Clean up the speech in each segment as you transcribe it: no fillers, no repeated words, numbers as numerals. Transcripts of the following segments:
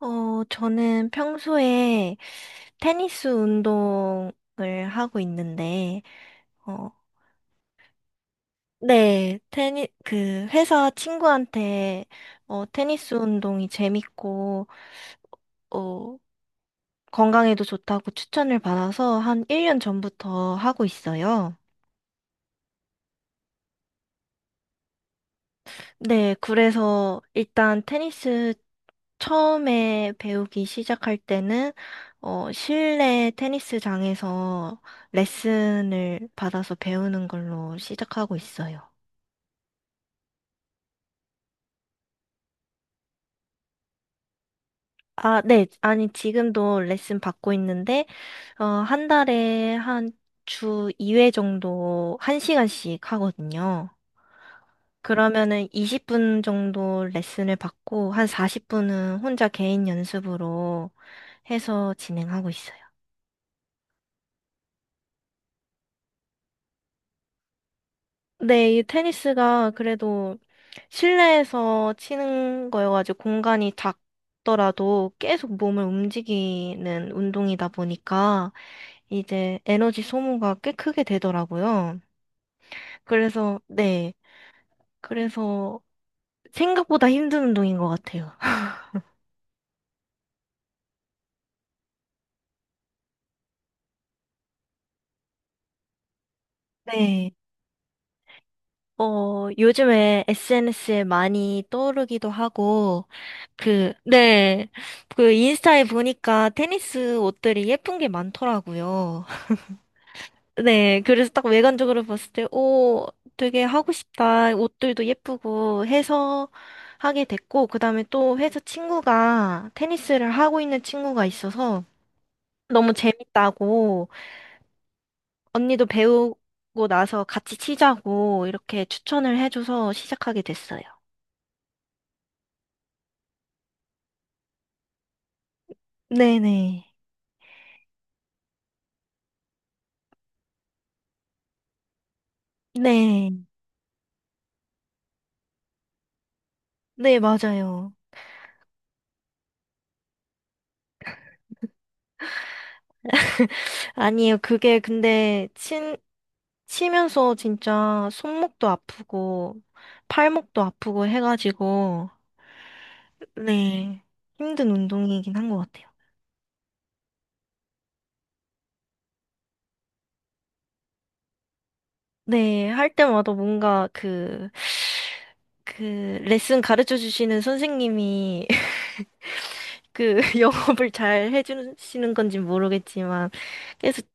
저는 평소에 테니스 운동을 하고 있는데, 어, 네, 그, 회사 친구한테, 테니스 운동이 재밌고, 어, 건강에도 좋다고 추천을 받아서 한 1년 전부터 하고 있어요. 네, 그래서 일단 테니스 처음에 배우기 시작할 때는 실내 테니스장에서 레슨을 받아서 배우는 걸로 시작하고 있어요. 아, 네. 아니, 지금도 레슨 받고 있는데, 한 달에 한 주 2회 정도 1시간씩 하거든요. 그러면은 20분 정도 레슨을 받고, 한 40분은 혼자 개인 연습으로 해서 진행하고 있어요. 네, 이 테니스가 그래도 실내에서 치는 거여가지고 공간이 작더라도 계속 몸을 움직이는 운동이다 보니까 이제 에너지 소모가 꽤 크게 되더라고요. 그래서, 네. 그래서 생각보다 힘든 운동인 것 같아요. 네. 요즘에 SNS에 많이 떠오르기도 하고, 그, 네. 그 인스타에 보니까 테니스 옷들이 예쁜 게 많더라고요. 네, 그래서 딱 외관적으로 봤을 때, 오, 되게 하고 싶다. 옷들도 예쁘고 해서 하게 됐고, 그 다음에 또 회사 친구가 테니스를 하고 있는 친구가 있어서 너무 재밌다고, 언니도 배우고 나서 같이 치자고 이렇게 추천을 해줘서 시작하게 됐어요. 네네. 네. 네, 맞아요. 아니에요. 그게 근데 치면서 진짜 손목도 아프고 팔목도 아프고 해가지고, 네, 힘든 운동이긴 한 것 같아요. 네, 할 때마다 뭔가 그, 레슨 가르쳐 주시는 선생님이 그 영업을 잘 해주시는 건지 모르겠지만 계속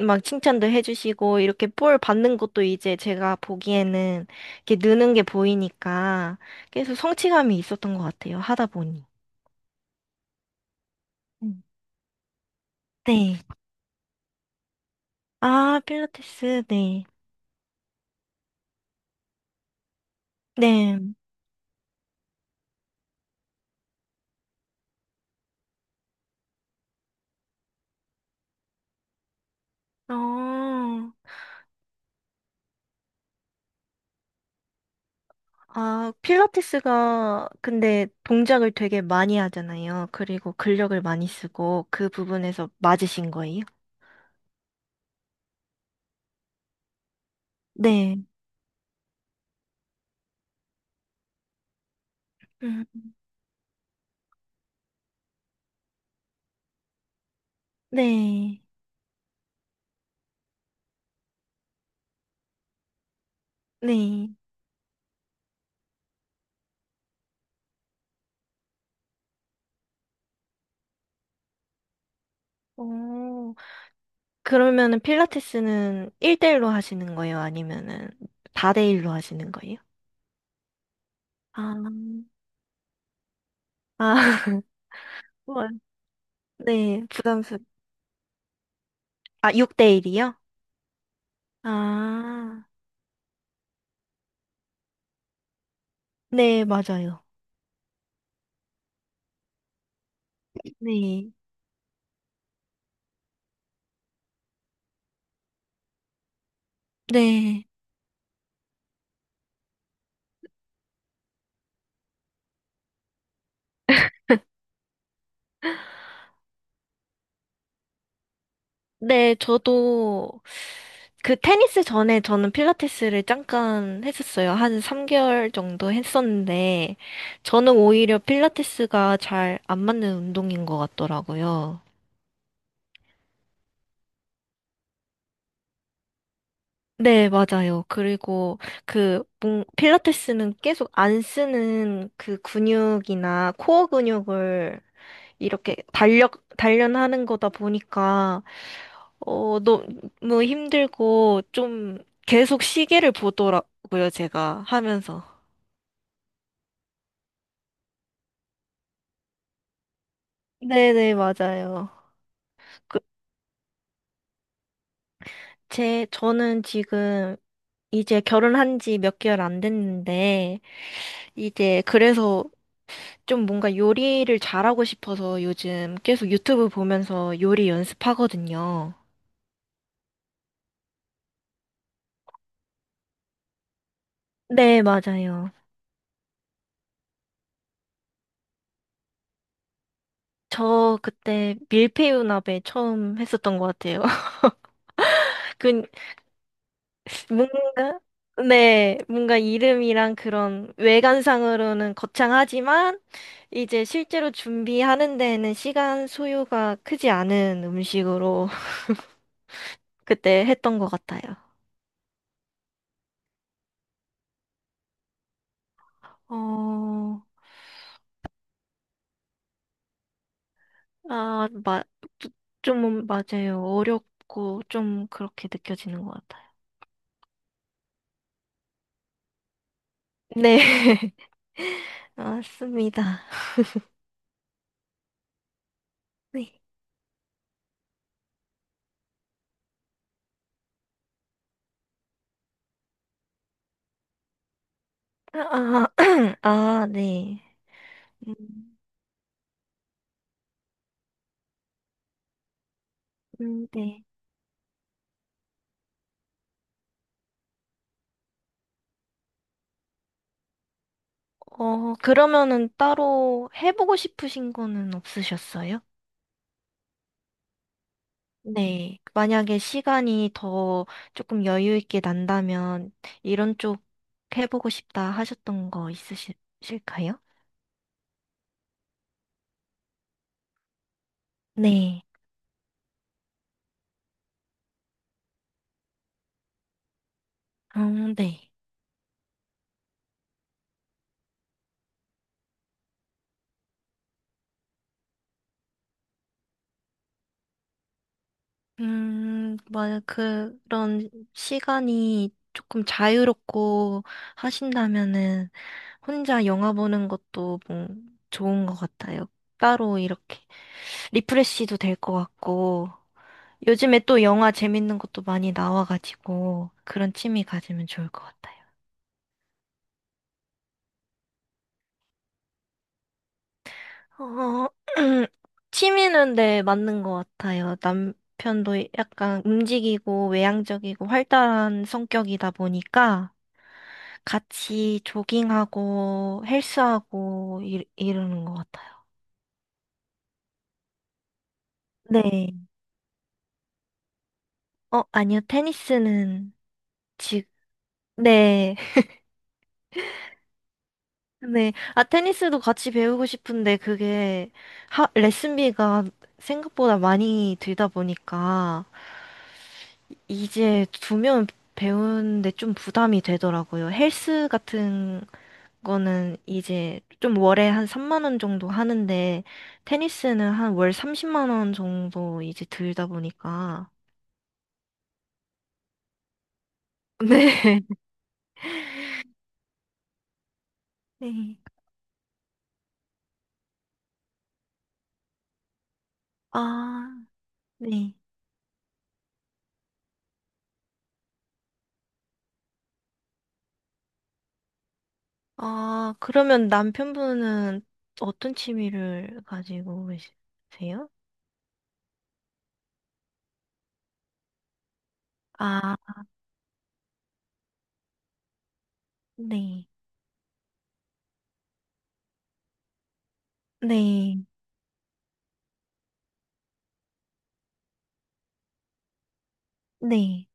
막 칭찬도 해주시고 이렇게 볼 받는 것도 이제 제가 보기에는 이렇게 느는 게 보이니까 계속 성취감이 있었던 것 같아요. 하다 보니. 음. 네. 아, 필라테스, 네. 네. 어, 필라테스가 근데 동작을 되게 많이 하잖아요. 그리고 근력을 많이 쓰고 그 부분에서 맞으신 거예요? 네. 음, 네. 네. 오, 그러면은 필라테스는 1대1로 하시는 거예요? 아니면은 다대일로 하시는 거예요? 아, 아, 우와. 네, 부담스. 아, 6대1이요? 아, 네, 맞아요. 네, 네, 네, 저도 그 테니스 전에 저는 필라테스를 잠깐 했었어요. 한 3개월 정도 했었는데, 저는 오히려 필라테스가 잘 안 맞는 운동인 것 같더라고요. 네, 맞아요. 그리고 그 필라테스는 계속 안 쓰는 그 근육이나 코어 근육을 이렇게 달력 단련하는 거다 보니까 너무 힘들고 좀 계속 시계를 보더라고요, 제가 하면서. 네, 네, 맞아요. 그, 제 저는 지금 이제 결혼한 지 몇 개월 안 됐는데 이제 그래서 좀 뭔가 요리를 잘하고 싶어서 요즘 계속 유튜브 보면서 요리 연습하거든요. 네, 맞아요. 저 그때 밀푀유나베 처음 했었던 것 같아요. 그, 뭔가, 네, 뭔가 이름이랑 그런 외관상으로는 거창하지만, 이제 실제로 준비하는 데에는 시간 소요가 크지 않은 음식으로 그때 했던 것 같아요. 어, 아, 좀 맞아요. 어렵고 좀 그렇게 느껴지는 것 같아요. 네. 맞습니다. 네. 아, 아, 아, 네. 음, 네. 그러면은 따로 해보고 싶으신 거는 없으셨어요? 네. 만약에 시간이 더 조금 여유 있게 난다면 이런 쪽 해보고 싶다 하셨던 거 있으실까요? 네. 네. 만약 그런 시간이 조금 자유롭고 하신다면은 혼자 영화 보는 것도 뭐 좋은 것 같아요. 따로 이렇게 리프레시도 될 것 같고 요즘에 또 영화 재밌는 것도 많이 나와가지고 그런 취미 가지면 좋을 것 같아요. 어, 취미는, 네, 맞는 것 같아요. 남편도 약간 움직이고 외향적이고 활달한 성격이다 보니까 같이 조깅하고 헬스하고 이러는 것 같아요. 네. 아니요. 테니스는 지 네. 네. 아, 테니스도 같이 배우고 싶은데 그게 레슨비가 생각보다 많이 들다 보니까 이제 두 명 배우는데 좀 부담이 되더라고요. 헬스 같은 거는 이제 좀 월에 한 3만 원 정도 하는데 테니스는 한 월 30만 원 정도 이제 들다 보니까 네. 네. 아, 네. 아, 그러면 남편분은 어떤 취미를 가지고 계세요? 아, 네. 네. 네.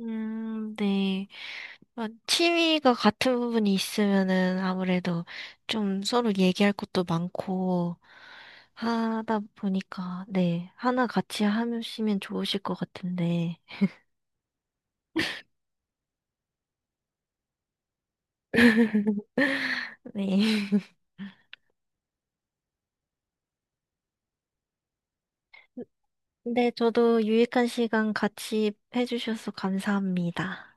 네. 아, 취미가 같은 부분이 있으면은 아무래도 좀 서로 얘기할 것도 많고 하다 보니까, 네, 하나 같이 하시면 좋으실 것 같은데. 네. 근데 저도 유익한 시간 같이 해주셔서 감사합니다.